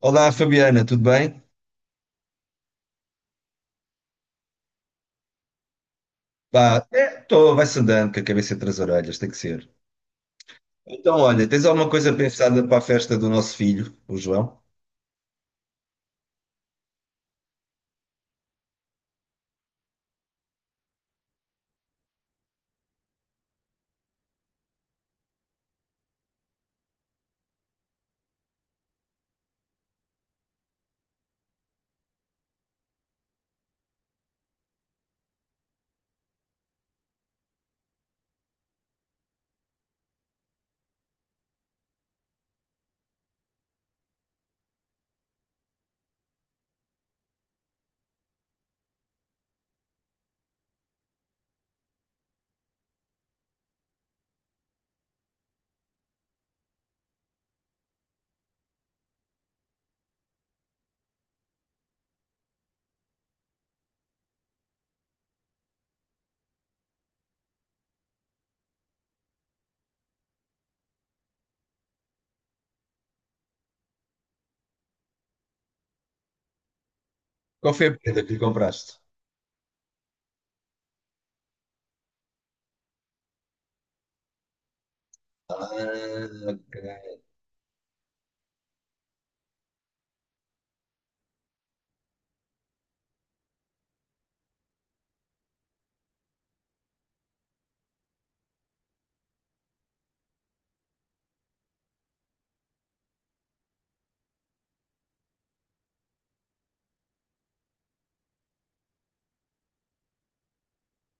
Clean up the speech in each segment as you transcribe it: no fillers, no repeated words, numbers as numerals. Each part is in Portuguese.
Olá, Fabiana, tudo bem? Pá, é, tô, vai-se andando com a cabeça entre as orelhas, tem que ser. Então, olha, tens alguma coisa pensada para a festa do nosso filho, o João? Qual foi a prenda que lhe compraste? Ah, ok.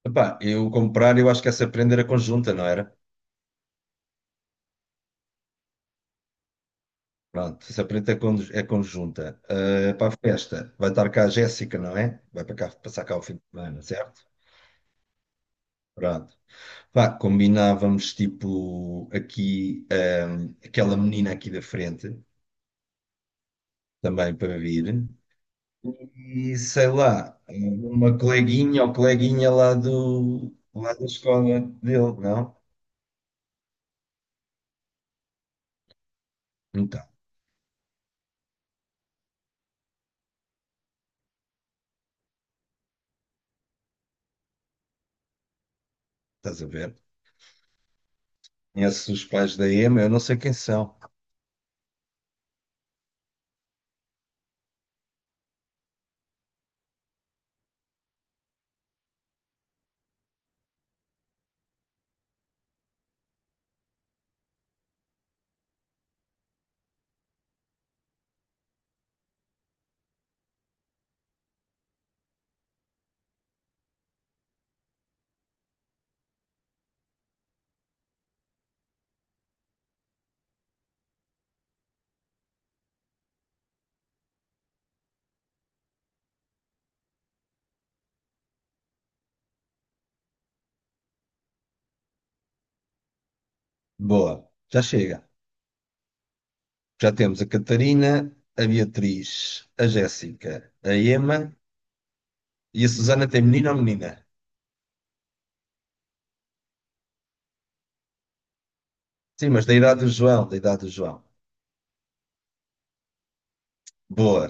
Epá, eu comprar, eu acho que essa prenda era conjunta, não era? Pronto, essa prenda é conjunta. Ah, para a festa, vai estar cá a Jéssica, não é? Vai para cá, passar cá o fim de semana, certo? Pronto. Pá, combinávamos tipo aqui, ah, aquela menina aqui da frente. Também para vir. E sei lá, uma coleguinha ou coleguinha lá da escola dele, não? Então, estás a ver? Conheces os pais da Ema, eu não sei quem são. Boa, já chega. Já temos a Catarina, a Beatriz, a Jéssica, a Ema e a Susana tem menino ou menina? Sim, mas da idade do João, da idade do João. Boa,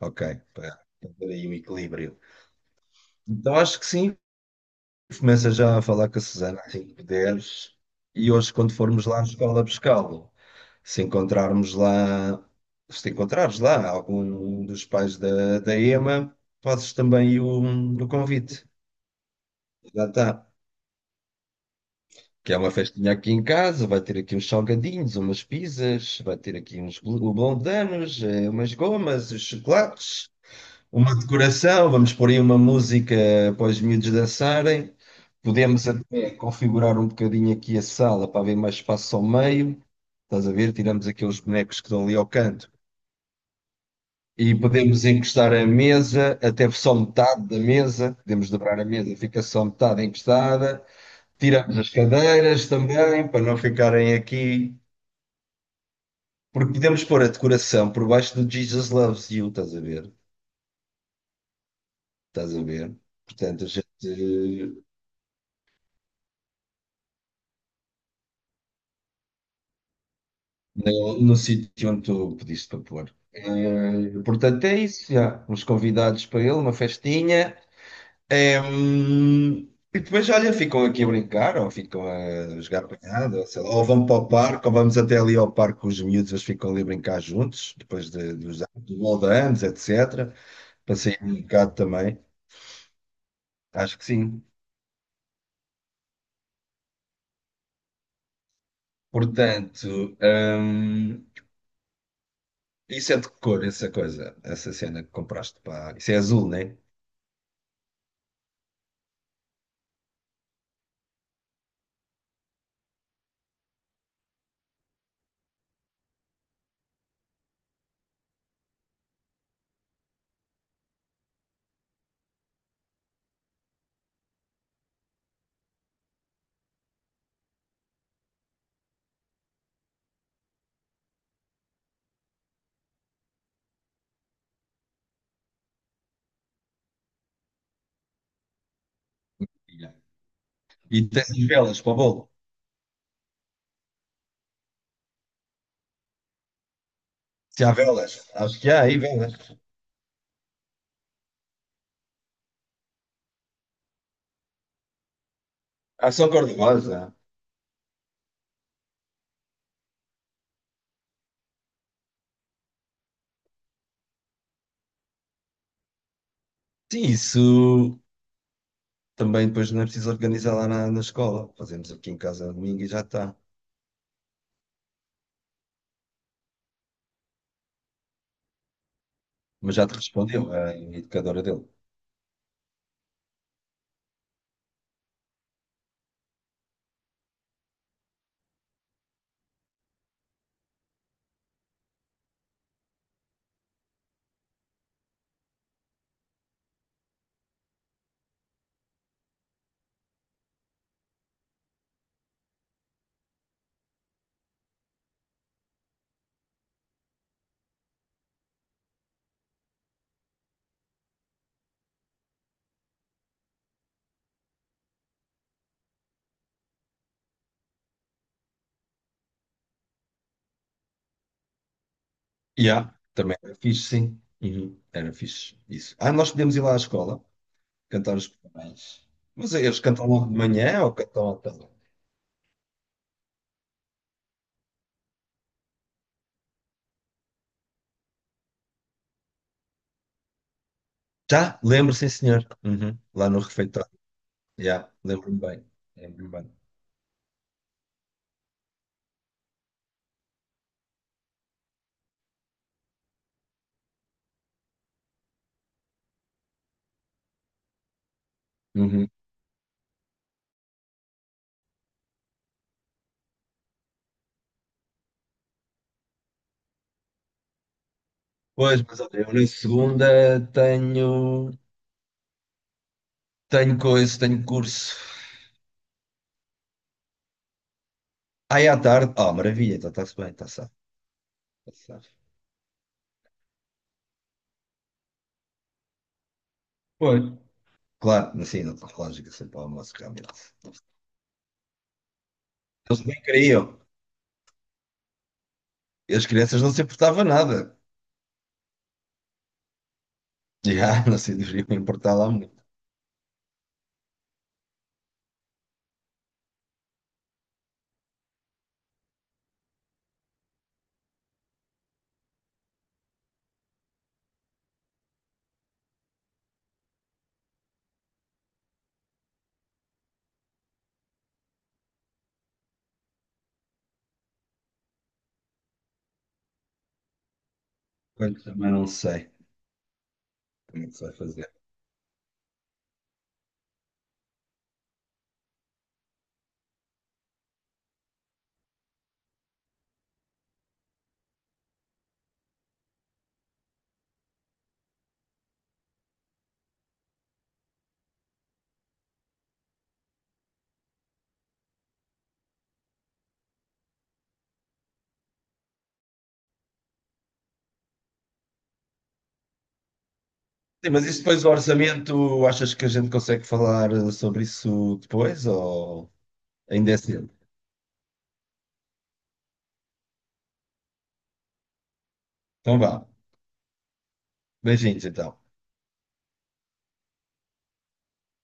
ok, para para ter aí um equilíbrio. Então acho que sim, começa já a falar com a Susana assim que puderes. E hoje, quando formos lá à escola buscá-lo, se encontrarmos lá, se te encontrares lá algum dos pais da Ema, fazes também o convite. Já está. Que é uma festinha aqui em casa, vai ter aqui uns salgadinhos, umas pizzas, vai ter aqui uns blondanos, umas gomas, uns chocolates. Uma decoração, vamos pôr aí uma música para os miúdos dançarem. Podemos até configurar um bocadinho aqui a sala para haver mais espaço ao meio. Estás a ver? Tiramos aqueles bonecos que estão ali ao canto. E podemos encostar a mesa, até só metade da mesa. Podemos dobrar a mesa, fica só metade encostada. Tiramos as cadeiras também, para não ficarem aqui. Porque podemos pôr a decoração por baixo do Jesus Loves You, estás a ver? Estás a ver? Portanto, a gente no sítio onde tu pediste para pôr. Portanto, é isso, já. Uns convidados para ele, uma festinha. Eh, hum, e depois, olha, ficam aqui a brincar, ou ficam a jogar apanhado, ou, sei lá, ou vão para o parque, ou vamos até ali ao parque com os miúdos, eles ficam ali a brincar juntos, depois dos anos, do bolo de anos, etc. Para sair um bocado também. Acho que sim. Portanto, isso é de que cor, essa coisa, essa cena que compraste para. Isso é azul, né? Yeah. E tens as velas para o bolo. Se há velas, acho que há aí velas. Ah, são cor-de-rosa. Sim, isso também depois não é preciso organizar lá na escola. Fazemos aqui em casa domingo e já está. Mas já te respondeu a educadora dele. E há, também era fixe, sim. Uhum. Era fixe, isso. Ah, nós podemos ir lá à escola, cantar os parabéns. Mas eles cantam logo de manhã ou cantam à tarde? Já, lembro, sim, senhor. Uhum. Lá no refeitório. Já, lembro-me bem. Lembro-me bem. Uhum. Pois, mas olha, eu na segunda tenho. Tenho coisa, tenho curso. Aí à tarde. Ah, maravilha, então está-se bem, está safe. Está safe. Pois. Claro, assim não tem lógica sempre ao almoço, realmente. Eles nem queriam. E as crianças não se importavam nada. Já, não se deveriam importar lá muito. Portanto, também não sei como é que se vai fazer. Sim, mas isso depois do orçamento, achas que a gente consegue falar sobre isso depois ou ainda é cedo? Então vá. Beijinhos então.